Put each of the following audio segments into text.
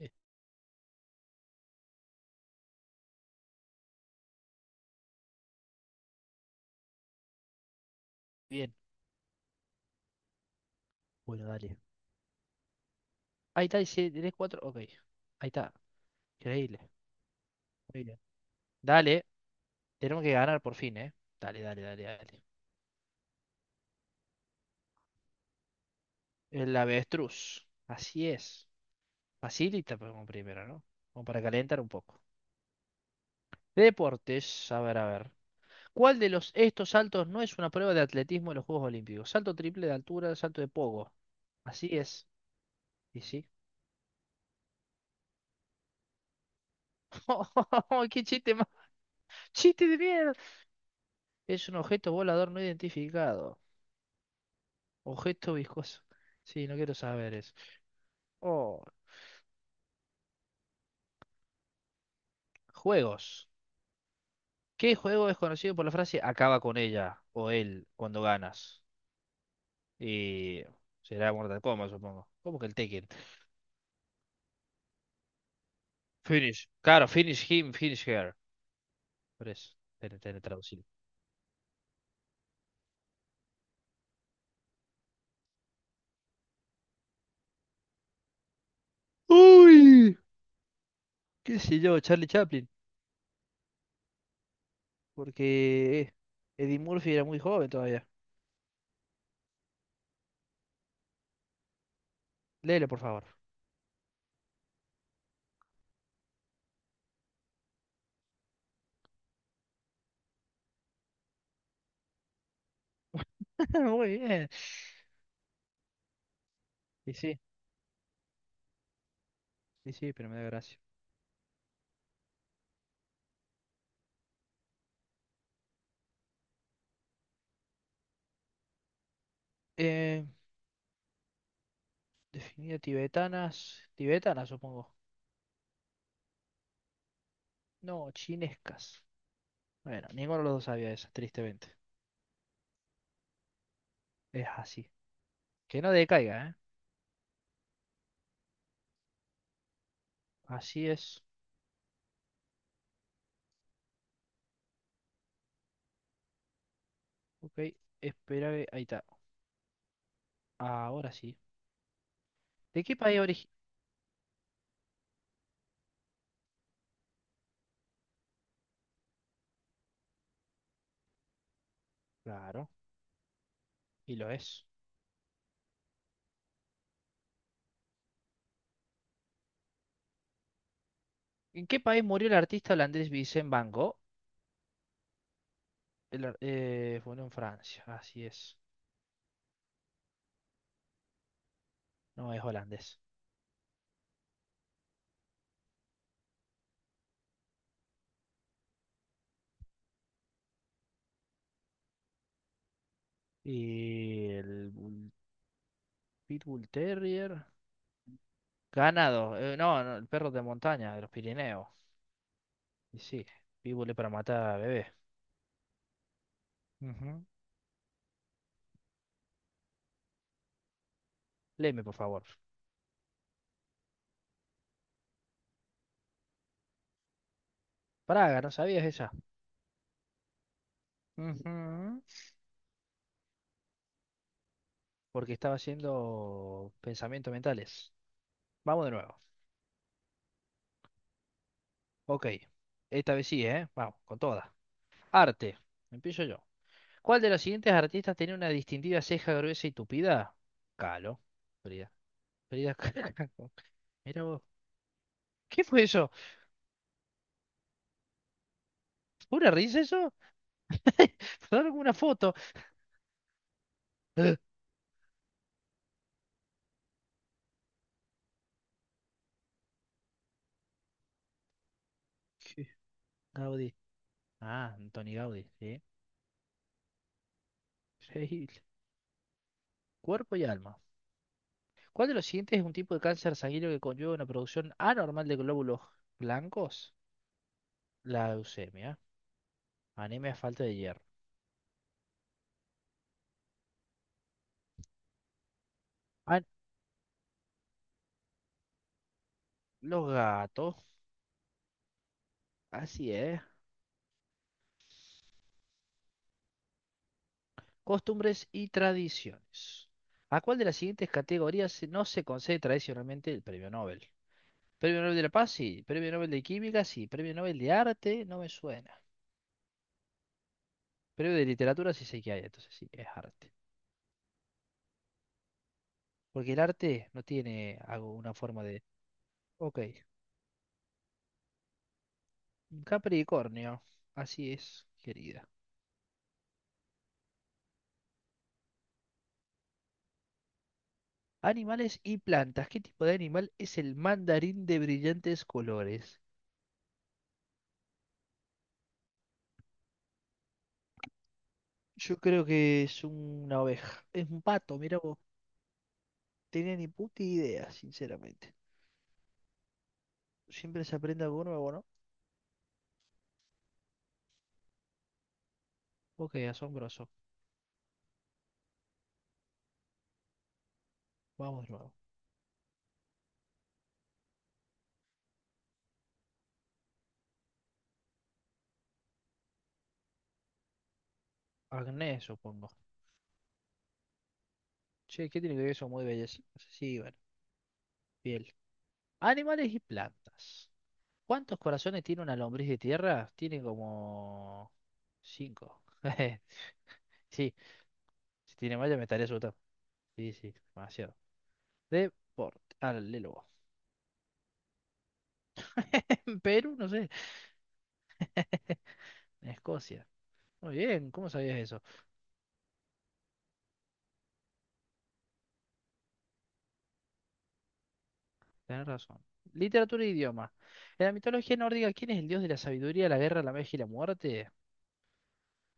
Eh, Bien, bueno, dale. Ahí está, dice, tres cuatro. Ok, ahí está. Increíble. Muy bien. Dale, tenemos que ganar por fin, ¿eh? Dale, dale, dale, dale. El avestruz. Así es. Facilita pues, como primero, ¿no? Como para calentar un poco. Deportes, a ver, a ver. ¿Cuál de los estos saltos no es una prueba de atletismo en los Juegos Olímpicos? Salto triple de altura, salto de pogo. Así es. Y sí. ¡Qué chiste más! ¡Chiste de mierda! Es un objeto volador no identificado. Objeto viscoso. Sí, no quiero saber eso. Oh, juegos. ¿Qué juego es conocido por la frase acaba con ella o él cuando ganas? Y será Mortal Kombat, supongo. ¿Cómo que el Tekken? Finish. Claro, finish him, finish her. Por eso, tiene traducido. Uy, qué sé yo, Charlie Chaplin. Porque Eddie Murphy era muy joven todavía. Léelo, por favor. Muy bien. Y sí, y sí, pero me da gracia. Eh, definida tibetanas. Tibetanas, supongo. No, chinescas. Bueno, ninguno de los dos sabía esa, tristemente. Es así. Que no decaiga, ¿eh? Así es. Ok, espera que... Ahí está. Ahora sí. ¿De qué país origen? Claro, y lo es. ¿En qué país murió el artista holandés Vincent Van Gogh? Bueno, en Francia, así es. No es holandés. Y el Bull- Pitbull Terrier. Ganado. No, no, el perro de montaña, de los Pirineos. Y sí, Pitbull es para matar a bebé. Ujú. Léeme, por favor. Praga, ¿no sabías esa? Ujú. Porque estaba haciendo pensamientos mentales. Vamos de nuevo. Ok. Esta vez sí, ¿eh? Vamos, con toda. Arte. Empiezo yo. ¿Cuál de los siguientes artistas tiene una distintiva ceja gruesa y tupida? Calo. Frida. Frida Kahlo. Mira vos. ¿Qué fue eso? ¿Una risa eso? Pasaron una foto. ¿Qué? Gaudí. Ah, Antoni Gaudí, sí. Increíble. Cuerpo y alma. ¿Cuál de los siguientes es un tipo de cáncer sanguíneo que conlleva una producción anormal de glóbulos blancos? La leucemia, anemia, falta de hierro. Ah, los gatos, así es. Costumbres y tradiciones. ¿A cuál de las siguientes categorías no se concede tradicionalmente el premio Nobel? Premio Nobel de la Paz, sí. Premio Nobel de Química, sí. Premio Nobel de Arte, no me suena. Premio de Literatura, sí sé que hay, entonces sí, es arte. Porque el arte no tiene una forma de... Ok. Un Capricornio, así es, querida. Animales y plantas. ¿Qué tipo de animal es el mandarín de brillantes colores? Yo creo que es una oveja. Es un pato, mira vos. Tenía ni puta idea, sinceramente. Siempre se aprende algo nuevo, ¿no? Ok, asombroso. Vamos de nuevo. Agnés, supongo. Che, ¿qué tiene que ver eso muy belleza? Sí, bueno, piel. Animales y plantas. ¿Cuántos corazones tiene una lombriz de tierra? Tiene como... Cinco. Sí, si tiene malla, me estaría asustado. Sí, sí, demasiado. Deporte. Dale, luego. En Perú, no sé. En Escocia. Muy bien, ¿cómo sabías eso? Tenés razón. Literatura e idioma. En la mitología nórdica, ¿quién es el dios de la sabiduría, la guerra, la magia y la muerte?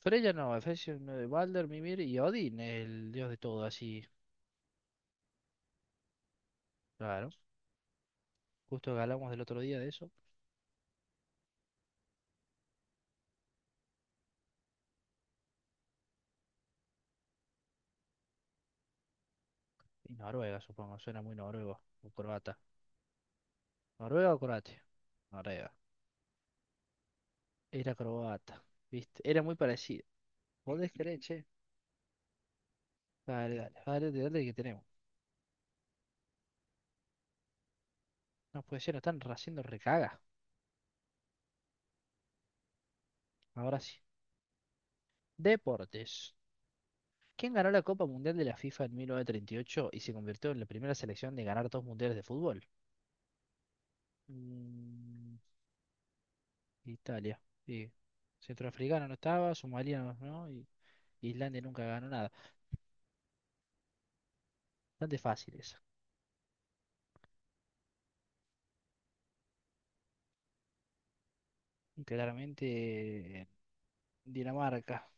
Freya no, Efesios no, de Balder, Mimir y Odín, el dios de todo, así. Claro. Justo que hablamos del otro día de eso. Y Noruega, supongo, suena muy noruego. O croata. ¿Noruega o croatia? Noruega. Era croata. ¿Viste? Era muy parecido. ¿Podés creer, che? Dale, dale, dale, dale, dale, que tenemos. No puede ser, nos están haciendo recaga. Ahora sí. Deportes. ¿Quién ganó la Copa Mundial de la FIFA en 1938 y ocho y se convirtió en la primera selección de ganar dos mundiales de fútbol? Mm, Italia. Sí. Centroafricano no estaba, Somalia no, ¿no? Y Islandia nunca ganó nada. Bastante fácil esa. Y claramente Dinamarca.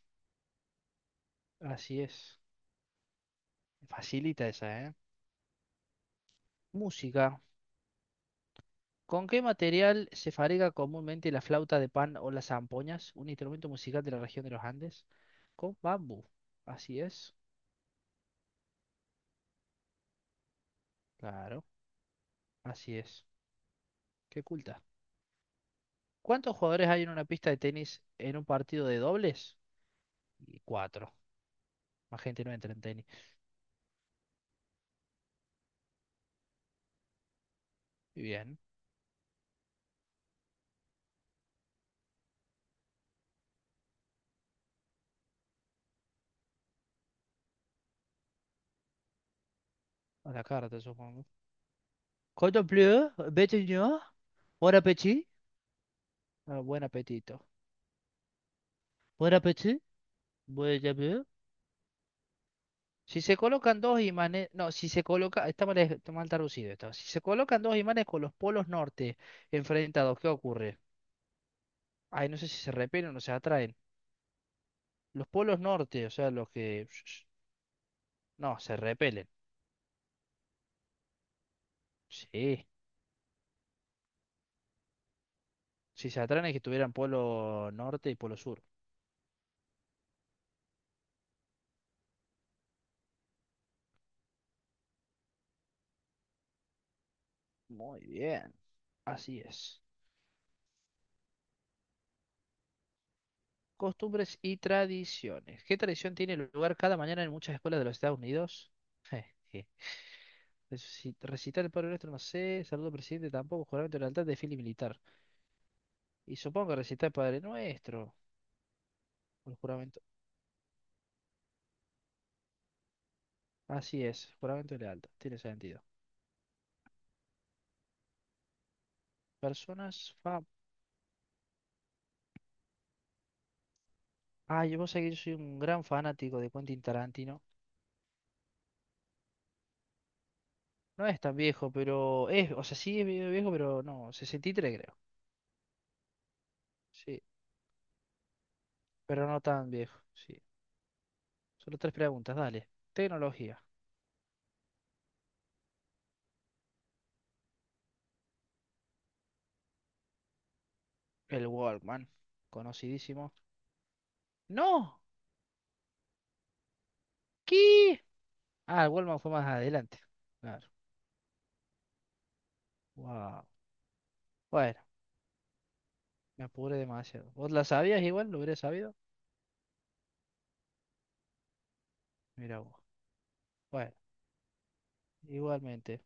Así es. Facilita esa, ¿eh? Música. ¿Con qué material se fabrica comúnmente la flauta de pan o las zampoñas, un instrumento musical de la región de los Andes? Con bambú. Así es. Claro, así es. Qué culta. ¿Cuántos jugadores hay en una pista de tenis en un partido de dobles? Y cuatro. Más gente no entra en tenis. Muy bien. A la carta, supongo. Contemplé, bête, Bon appétit. Ah, buen apetito. Buen apetito. Buen apetito. Si se colocan dos imanes, no, si se coloca, está mal, traducido esto. Si se colocan dos imanes con los polos norte enfrentados, ¿qué ocurre? Ay, no sé si se repelen o se atraen. Los polos norte, o sea, los que... No, se repelen. Sí. Si se atraen es que tuvieran polo norte y polo sur. Muy bien. Así es. Costumbres y tradiciones. ¿Qué tradición tiene lugar cada mañana en muchas escuelas de los Estados Unidos? Recitar el Padre Nuestro, no sé. Saludo al presidente, tampoco. Juramento de lealtad de fili militar. Y supongo que recitar el Padre Nuestro. O el juramento. Así es, juramento de lealtad. Tiene sentido. Personas. Ah, yo vos sabés que yo soy un gran fanático de Quentin Tarantino. No es tan viejo, pero es. O sea, sí es medio viejo, pero no. Sesenta y tres creo. Sí, pero no tan viejo. Sí. Solo tres preguntas, dale. Tecnología. El Walkman. Conocidísimo. ¡No! ¿Qué? Ah, el Walkman fue más adelante. Claro. Wow. Bueno, me apuré demasiado. ¿Vos la sabías igual? ¿Lo hubiera sabido? Mira vos. Bueno, igualmente.